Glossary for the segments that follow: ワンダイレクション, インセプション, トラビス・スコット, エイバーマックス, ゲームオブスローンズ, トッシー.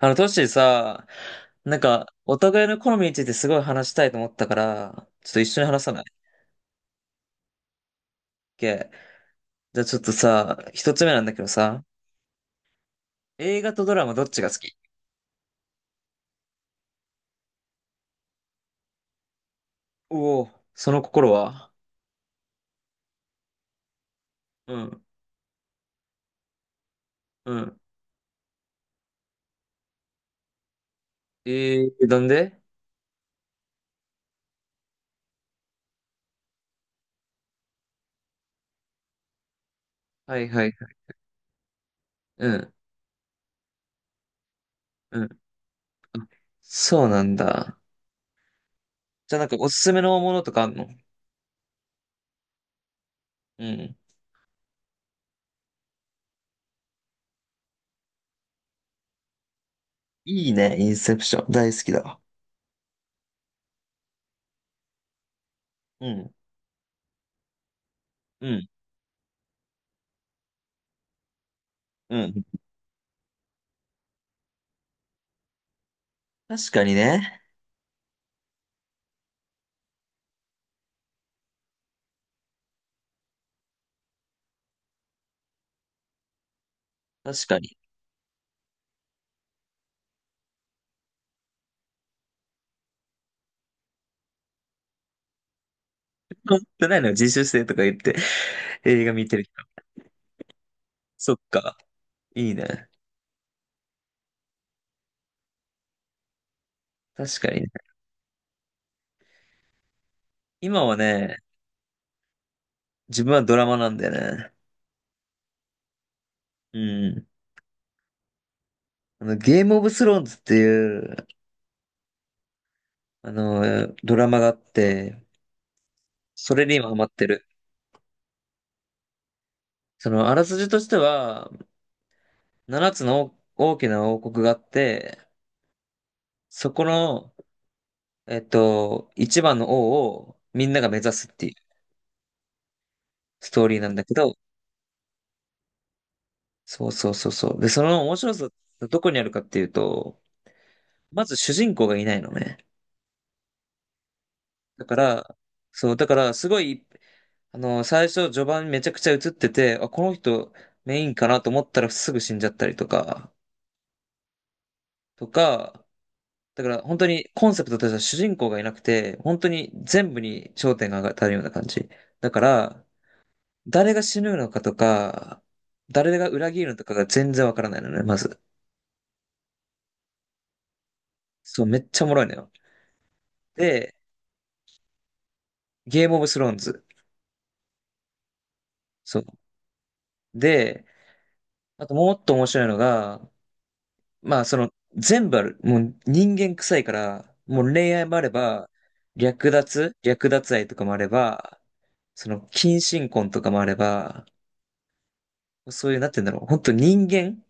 トッシーさ、なんか、お互いの好みについてすごい話したいと思ったから、ちょっと一緒に話さない ?OK。じゃあちょっとさ、一つ目なんだけどさ、映画とドラマどっちが好き？おおー、その心は？うん、うん。えなんで？はいはい。うん、うん。あ、そうなんだ。じゃあなんかおすすめのものとかあんの？うん。いいね、インセプション。大好きだわ。うん、うん、うん。確かにね。確かに。持ってないのよ、自主性とか言って映画見てる。そっか。いいね。確かにね。今はね、自分はドラマなんだよね。うん。ゲームオブスローンズっていう、ドラマがあって、それに今ハマってる。あらすじとしては、7つの大きな王国があって、そこの、一番の王をみんなが目指すっていうストーリーなんだけど、そうそうそうそう。で、その面白さ、どこにあるかっていうと、まず主人公がいないのね。だから、そう、だから、すごい、最初、序盤めちゃくちゃ映ってて、あ、この人、メインかなと思ったらすぐ死んじゃったりとか、とか、だから、本当にコンセプトとしては主人公がいなくて、本当に全部に焦点が当たるような感じ。だから、誰が死ぬのかとか、誰が裏切るのとかが全然わからないのね、まず。そう、めっちゃおもろいのよ。で、ゲームオブスローンズ。そう。で、あともっと面白いのが、まあ、全部ある。もう人間臭いから、もう恋愛もあれば、略奪愛とかもあれば、近親婚とかもあれば、そういう、なんて言うんだろう。本当人間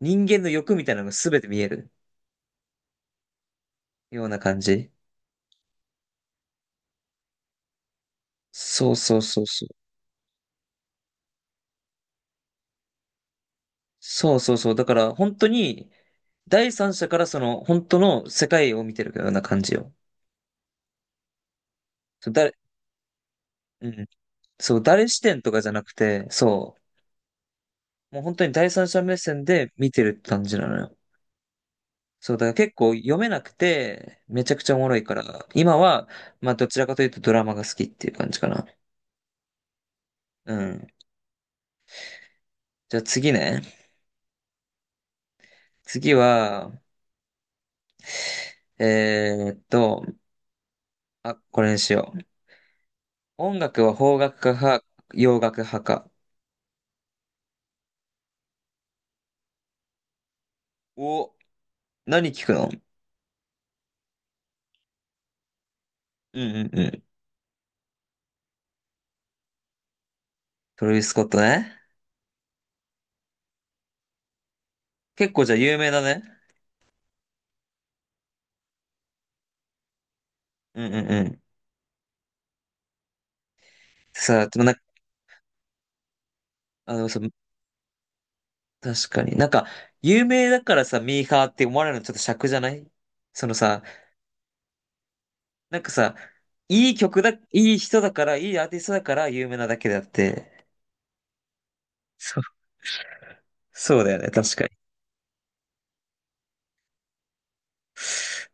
人間の欲みたいなのが全て見えるような感じ。そうそうそうそう。そうそうそう。だから、本当に、第三者から本当の世界を見てるような感じよ。そう、誰、うん。そう、誰視点とかじゃなくて、そう。もう本当に第三者目線で見てるって感じなのよ。そう、だから結構読めなくて、めちゃくちゃおもろいから、今は、まあどちらかというとドラマが好きっていう感じかな。うん。じゃあ次ね。次は、えーっと、あ、これにしよう。音楽は邦楽派か、洋楽派か？お、何聞くの？うんうんうん。トラビス・スコットね。結構じゃあ有名だね。うんうんうん。さあ、でもな、あの、そう、確かに。なんか、有名だからさ、ミーハーって思われるのちょっと尺じゃない？そのさ、なんかさ、いい曲だ、いい人だから、いいアーティストだから有名なだけであって、そう、そうだよね、確かに。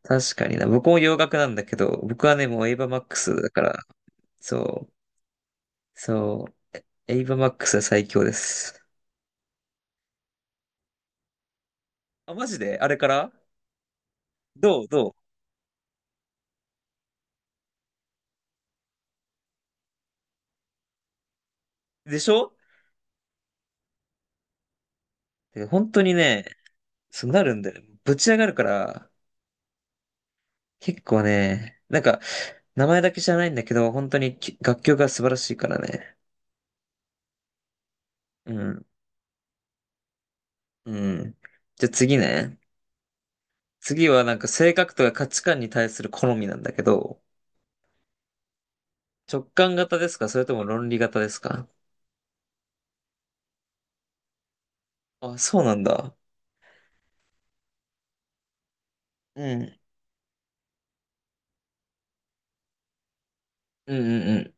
確かにな。僕も洋楽なんだけど、僕はね、もうエイバーマックスだから、そう、そう、エイバーマックスは最強です。あ、マジであれからどうでしょ？で本当にね、そうなるんだよ。ぶち上がるから、結構ね、なんか、名前だけじゃないんだけど、本当にき楽曲が素晴らしいからね。うん、うん。じゃあ次ね。次はなんか性格とか価値観に対する好みなんだけど、直感型ですか、それとも論理型ですか？あ、そうなんだ。うん。うんうんうん。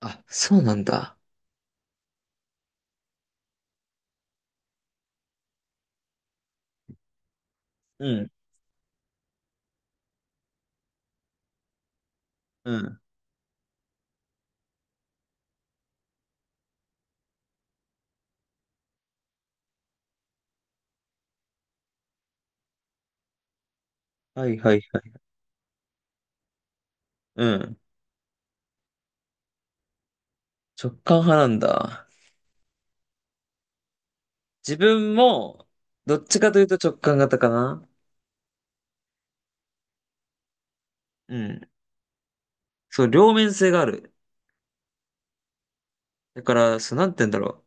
あ、そうなんだ。うん。うん。はいはいはい。うん。直感派なんだ。自分も、どっちかというと直感型かな。うん。そう、両面性がある。だから、そう、なんて言うんだろう。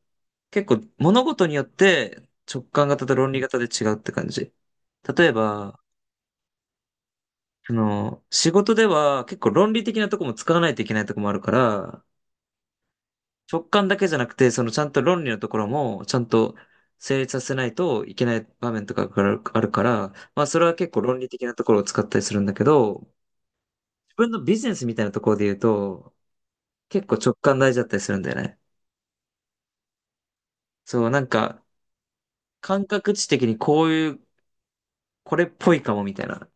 結構、物事によって直感型と論理型で違うって感じ。例えば、仕事では結構論理的なとこも使わないといけないとこもあるから、直感だけじゃなくて、ちゃんと論理のところもちゃんと成立させないといけない場面とかがあるから、まあそれは結構論理的なところを使ったりするんだけど、自分のビジネスみたいなところで言うと、結構直感大事だったりするんだよね。そう、なんか感覚値的にこういう、これっぽいかもみたいな。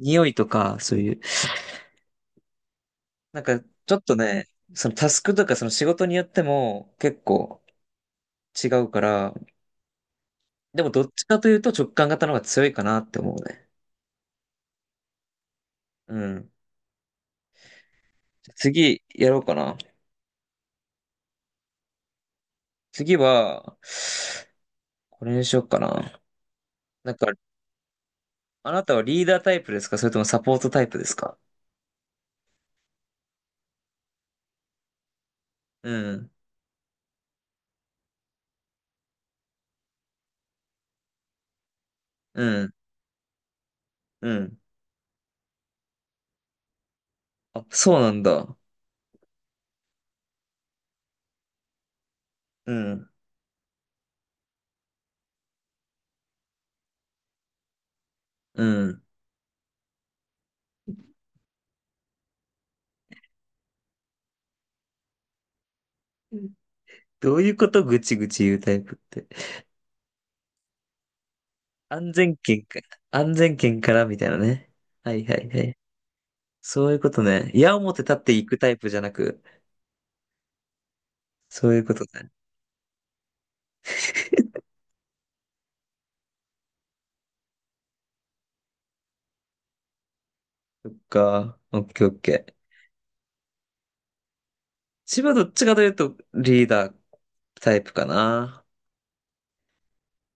匂いとか、そういう。なんかちょっとね、そのタスクとかその仕事によっても結構、違うから、でもどっちかというと直感型の方が強いかなって思うね。うん。次、やろうかな。次は、これにしようかな。なんか、あなたはリーダータイプですか、それともサポートタイプですか？うん。うん。うん。あ、そうなんだ。うん。うん。うん。どういうこと、ぐちぐち言うタイプって。安全圏か、安全圏からみたいなね。はいはいはい。そういうことね。矢を持って立っていくタイプじゃなく、そういうことね。か。オッケーオッケー。千葉どっちかというとリーダータイプかな。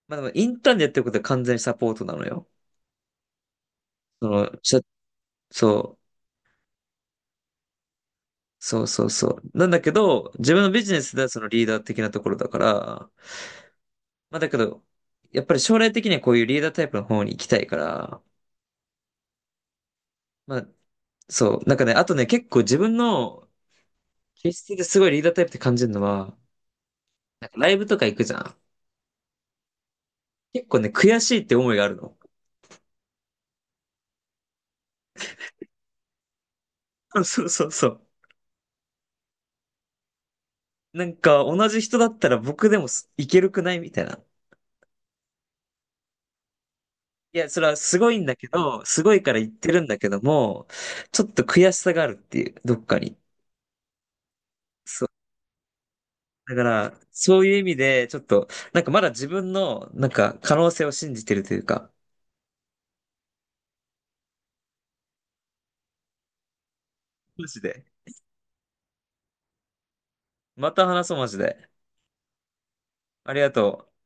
まあでもインターンでやってることは完全にサポートなのよ。その、しゃそう、そうそうそう。なんだけど、自分のビジネスではそのリーダー的なところだから、まあだけど、やっぱり将来的にはこういうリーダータイプの方に行きたいから、まあそう、なんかね、あとね、結構自分の気質ですごいリーダータイプって感じるのは、なんかライブとか行くじゃん。結構ね、悔しいって思いがあるの。そうそうそう。なんか同じ人だったら僕でもすいけるくないみたいな。いや、それはすごいんだけど、すごいから言ってるんだけども、ちょっと悔しさがあるっていう、どっかに。そう。だから、そういう意味で、ちょっと、なんかまだ自分の、なんか可能性を信じてるというか。マジで。また話そう、マジで。ありがとう。